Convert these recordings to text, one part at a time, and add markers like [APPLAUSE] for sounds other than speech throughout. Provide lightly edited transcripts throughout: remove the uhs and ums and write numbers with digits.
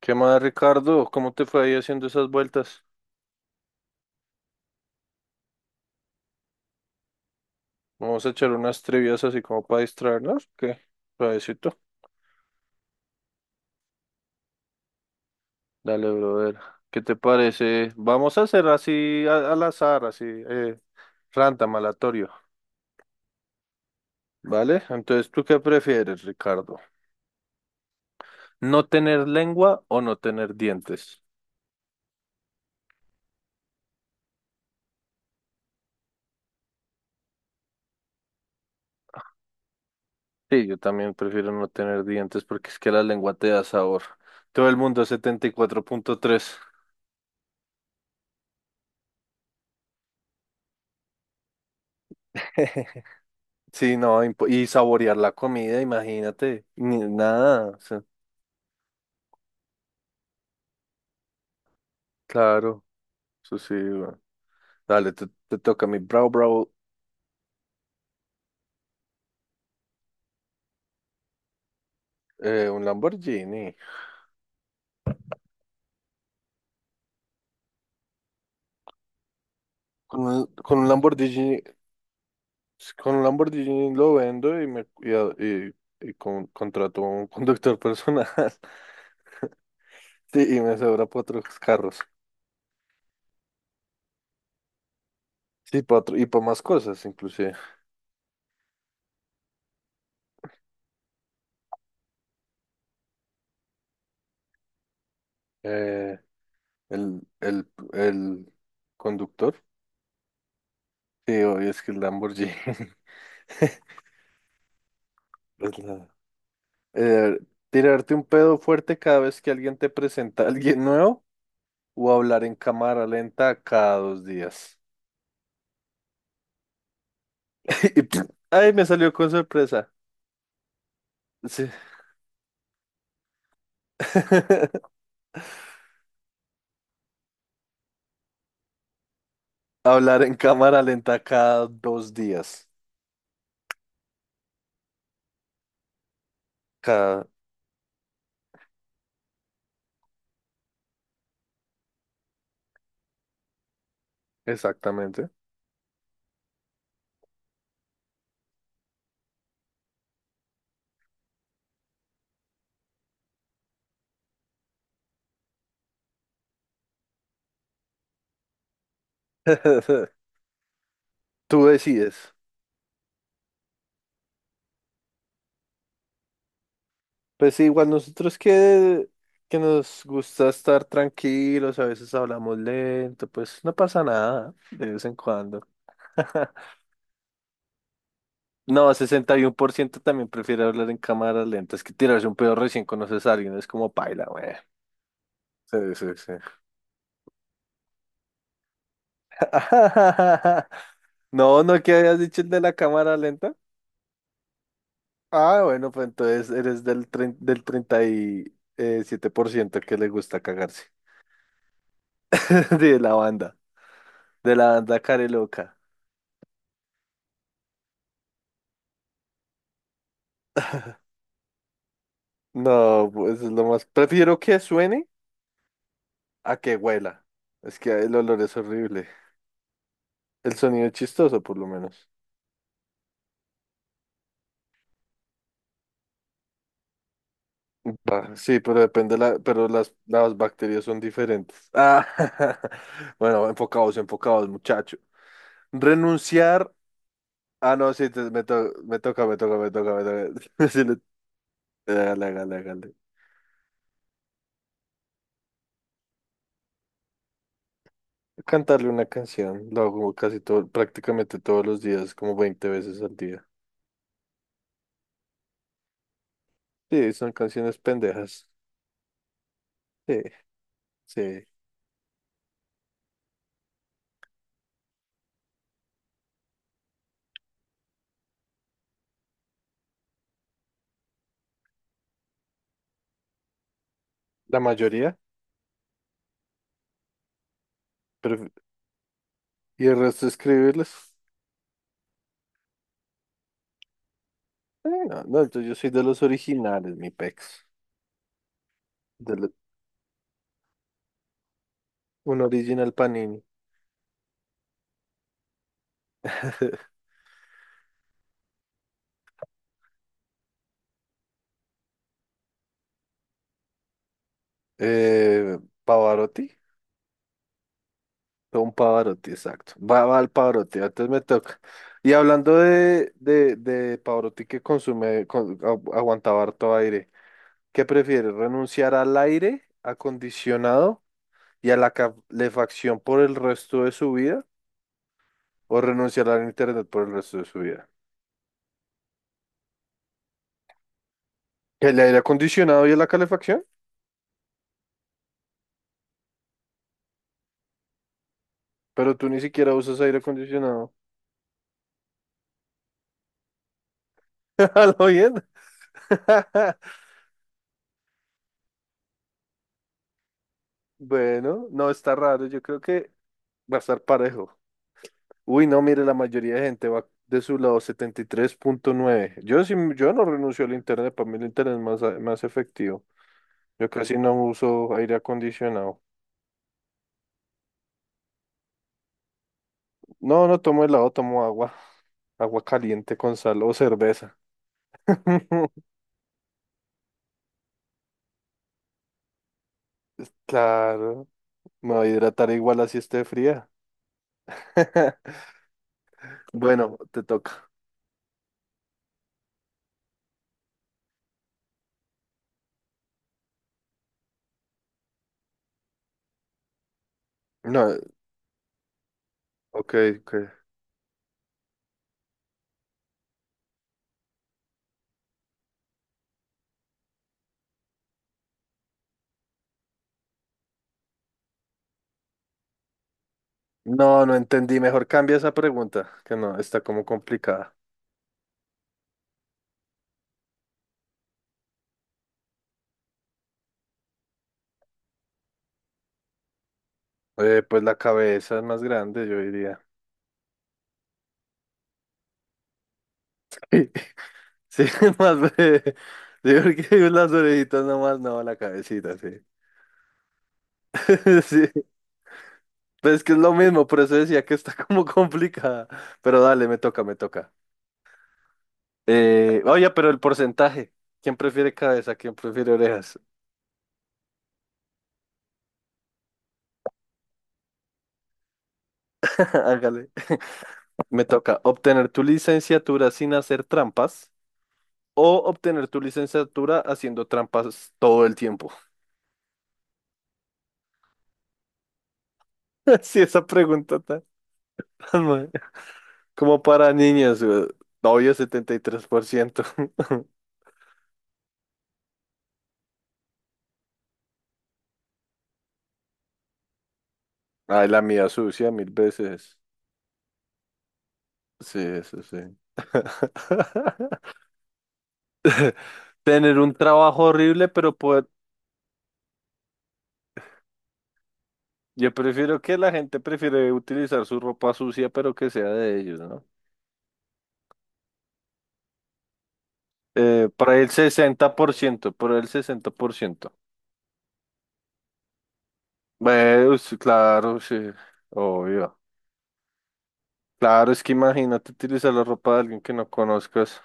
¿Qué más, Ricardo? ¿Cómo te fue ahí haciendo esas vueltas? Vamos a echar unas trivias así como para distraernos. ¿Qué? Suavecito. Dale, brother. ¿Qué te parece? Vamos a hacer así al azar, así, random, aleatorio. ¿Vale? Entonces, ¿tú qué prefieres, Ricardo? ¿No tener lengua o no tener dientes? Sí, yo también prefiero no tener dientes porque es que la lengua te da sabor. Todo el mundo 74,3. [LAUGHS] Sí, no, y saborear la comida, imagínate, ni nada, o sea, claro, eso sí, weón. Dale, te toca mi bravo, bravo, un Lamborghini. Con un, con un Lamborghini, con un Lamborghini lo vendo y me y, a- y- y con- contrato un conductor personal. [LAUGHS] Sí, y me sobra para otros carros. Sí, para otro, y para más cosas, inclusive. Eh, el, el, el conductor. Sí, obvio, es que el Lamborghini. [LAUGHS] es la- Eh, tirarte un pedo fuerte cada vez que alguien te presenta a alguien nuevo o hablar en cámara lenta cada dos días. [LAUGHS] Y, pf, ay, me salió con sorpresa. Sí. [LAUGHS] Hablar en cámara lenta cada dos días. Cada, exactamente. [LAUGHS] Tú decides. Pues sí, igual nosotros que nos gusta estar tranquilos, a veces hablamos lento, pues no pasa nada de vez en cuando. [LAUGHS] No, 61% también prefiere hablar en cámaras lentas que tirarse un pedo recién conoces a alguien. Es como paila, güey. Sí, sí, sí. [LAUGHS] No, no, ¿qué habías dicho el de la cámara lenta? Ah, bueno, pues entonces eres del, del treinta y siete por ciento que le gusta cagarse. [LAUGHS] De la banda, de la banda care loca. No, pues es lo más. Prefiero que suene a que huela. Es que el olor es horrible. El sonido es chistoso, por lo menos. Va, sí, pero depende la, pero las bacterias son diferentes. Ah, [LAUGHS] bueno, enfocados, enfocados, muchacho. Renunciar. Ah, no, sí, te- me, to- me toca, me toca, me toca, me toca. [LAUGHS] Hágale, hágale, hágale. Cantarle una canción. Lo hago casi todo, prácticamente todos los días, como 20 veces al día. Sí, son canciones pendejas. Sí, sí. La mayoría, pero y el resto escribirles. No, no, yo soy de los originales, mi pex. De lo- un original Panini. Eh, Pavarotti, un Pavarotti, exacto. Va, va al Pavarotti, entonces me toca. Y hablando de Pavarotti que consume, aguantaba harto aire, ¿qué prefieres? ¿Renunciar al aire acondicionado y a la calefacción por el resto de su vida o renunciar al internet por el resto de su vida? ¿El aire acondicionado y a la calefacción? Pero tú ni siquiera usas aire acondicionado. [LAUGHS] ¿Lo bien? [LAUGHS] Bueno, no está raro. Yo creo que va a estar parejo. Uy, no, mire, la mayoría de gente va de su lado 73,9. Yo sí, yo no renuncio al internet, para mí el internet es más efectivo. Yo casi no uso aire acondicionado. No, no tomo helado, tomo agua, agua caliente con sal o cerveza. [LAUGHS] Claro, me voy a hidratar igual así esté fría. [LAUGHS] Bueno, te toca. No, ok, ok. No, no entendí. Mejor cambia esa pregunta, que no, está como complicada. Pues la cabeza es más grande, yo diría. Sí, sí, [LAUGHS] más breve. Sí, porque las orejitas nomás, no, la cabecita, sí. [LAUGHS] Sí, pues es que es lo mismo, por eso decía que está [LAUGHS] como complicada. Pero dale, me toca, me toca. Oye, pero el porcentaje. ¿Quién prefiere cabeza? ¿Quién prefiere orejas? [LAUGHS] Hágale. Me toca obtener tu licenciatura sin hacer trampas o obtener tu licenciatura haciendo trampas todo el tiempo. [LAUGHS] Sí, esa pregunta está tan [LAUGHS] mal. Como para niños, güey. Obvio 73%. [LAUGHS] Ay, la mía sucia mil veces. Sí, eso sí. [LAUGHS] Tener un trabajo horrible, pero poder... Yo prefiero que la gente prefiere utilizar su ropa sucia, pero que sea de ellos, ¿no? Para el 60%, para el 60%. Bueno, sí, claro, sí, obvio. Claro, es que imagínate utilizar la ropa de alguien que no conozcas.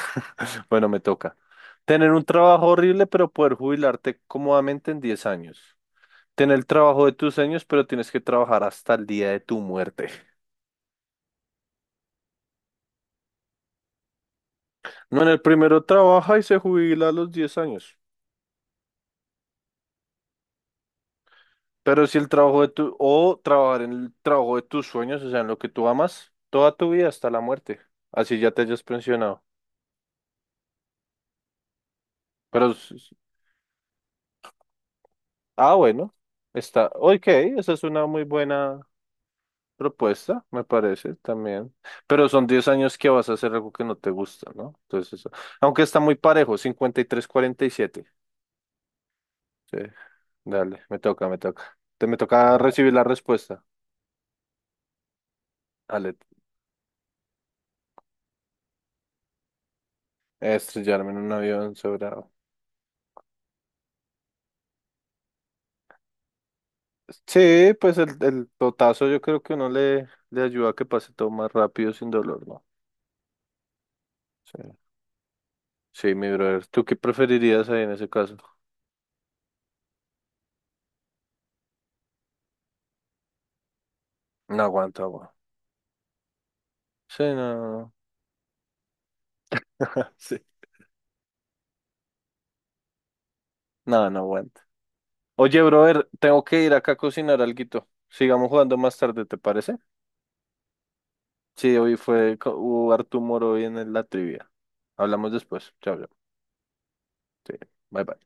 [LAUGHS] Bueno, me toca. Tener un trabajo horrible, pero poder jubilarte cómodamente en 10 años. Ten el trabajo de tus sueños, pero tienes que trabajar hasta el día de tu muerte. No, en el primero trabaja y se jubila a los 10 años. Pero si el trabajo de tu, o trabajar en el trabajo de tus sueños, o sea, en lo que tú amas, toda tu vida hasta la muerte. Así ya te hayas pensionado. Pero, ah, bueno, está, ok, esa es una muy buena propuesta, me parece también. Pero son 10 años que vas a hacer algo que no te gusta, ¿no? Entonces, eso- aunque está muy parejo, 53-47. Dale, me toca, me toca. Te me toca recibir la respuesta. Ale, estrellarme en un avión sobrado. Sí, pues el totazo yo creo que uno le ayuda a que pase todo más rápido sin dolor, ¿no? Sí. Sí, mi brother. ¿Tú qué preferirías ahí en ese caso? No aguanto agua. Sí, no. [LAUGHS] Sí. No, no aguanto. Oye, brother, tengo que ir acá a cocinar alguito. Sigamos jugando más tarde, ¿te parece? Sí, hoy fue, hubo harto humor hoy en la trivia. Hablamos después. Chao, chao. Sí, bye bye.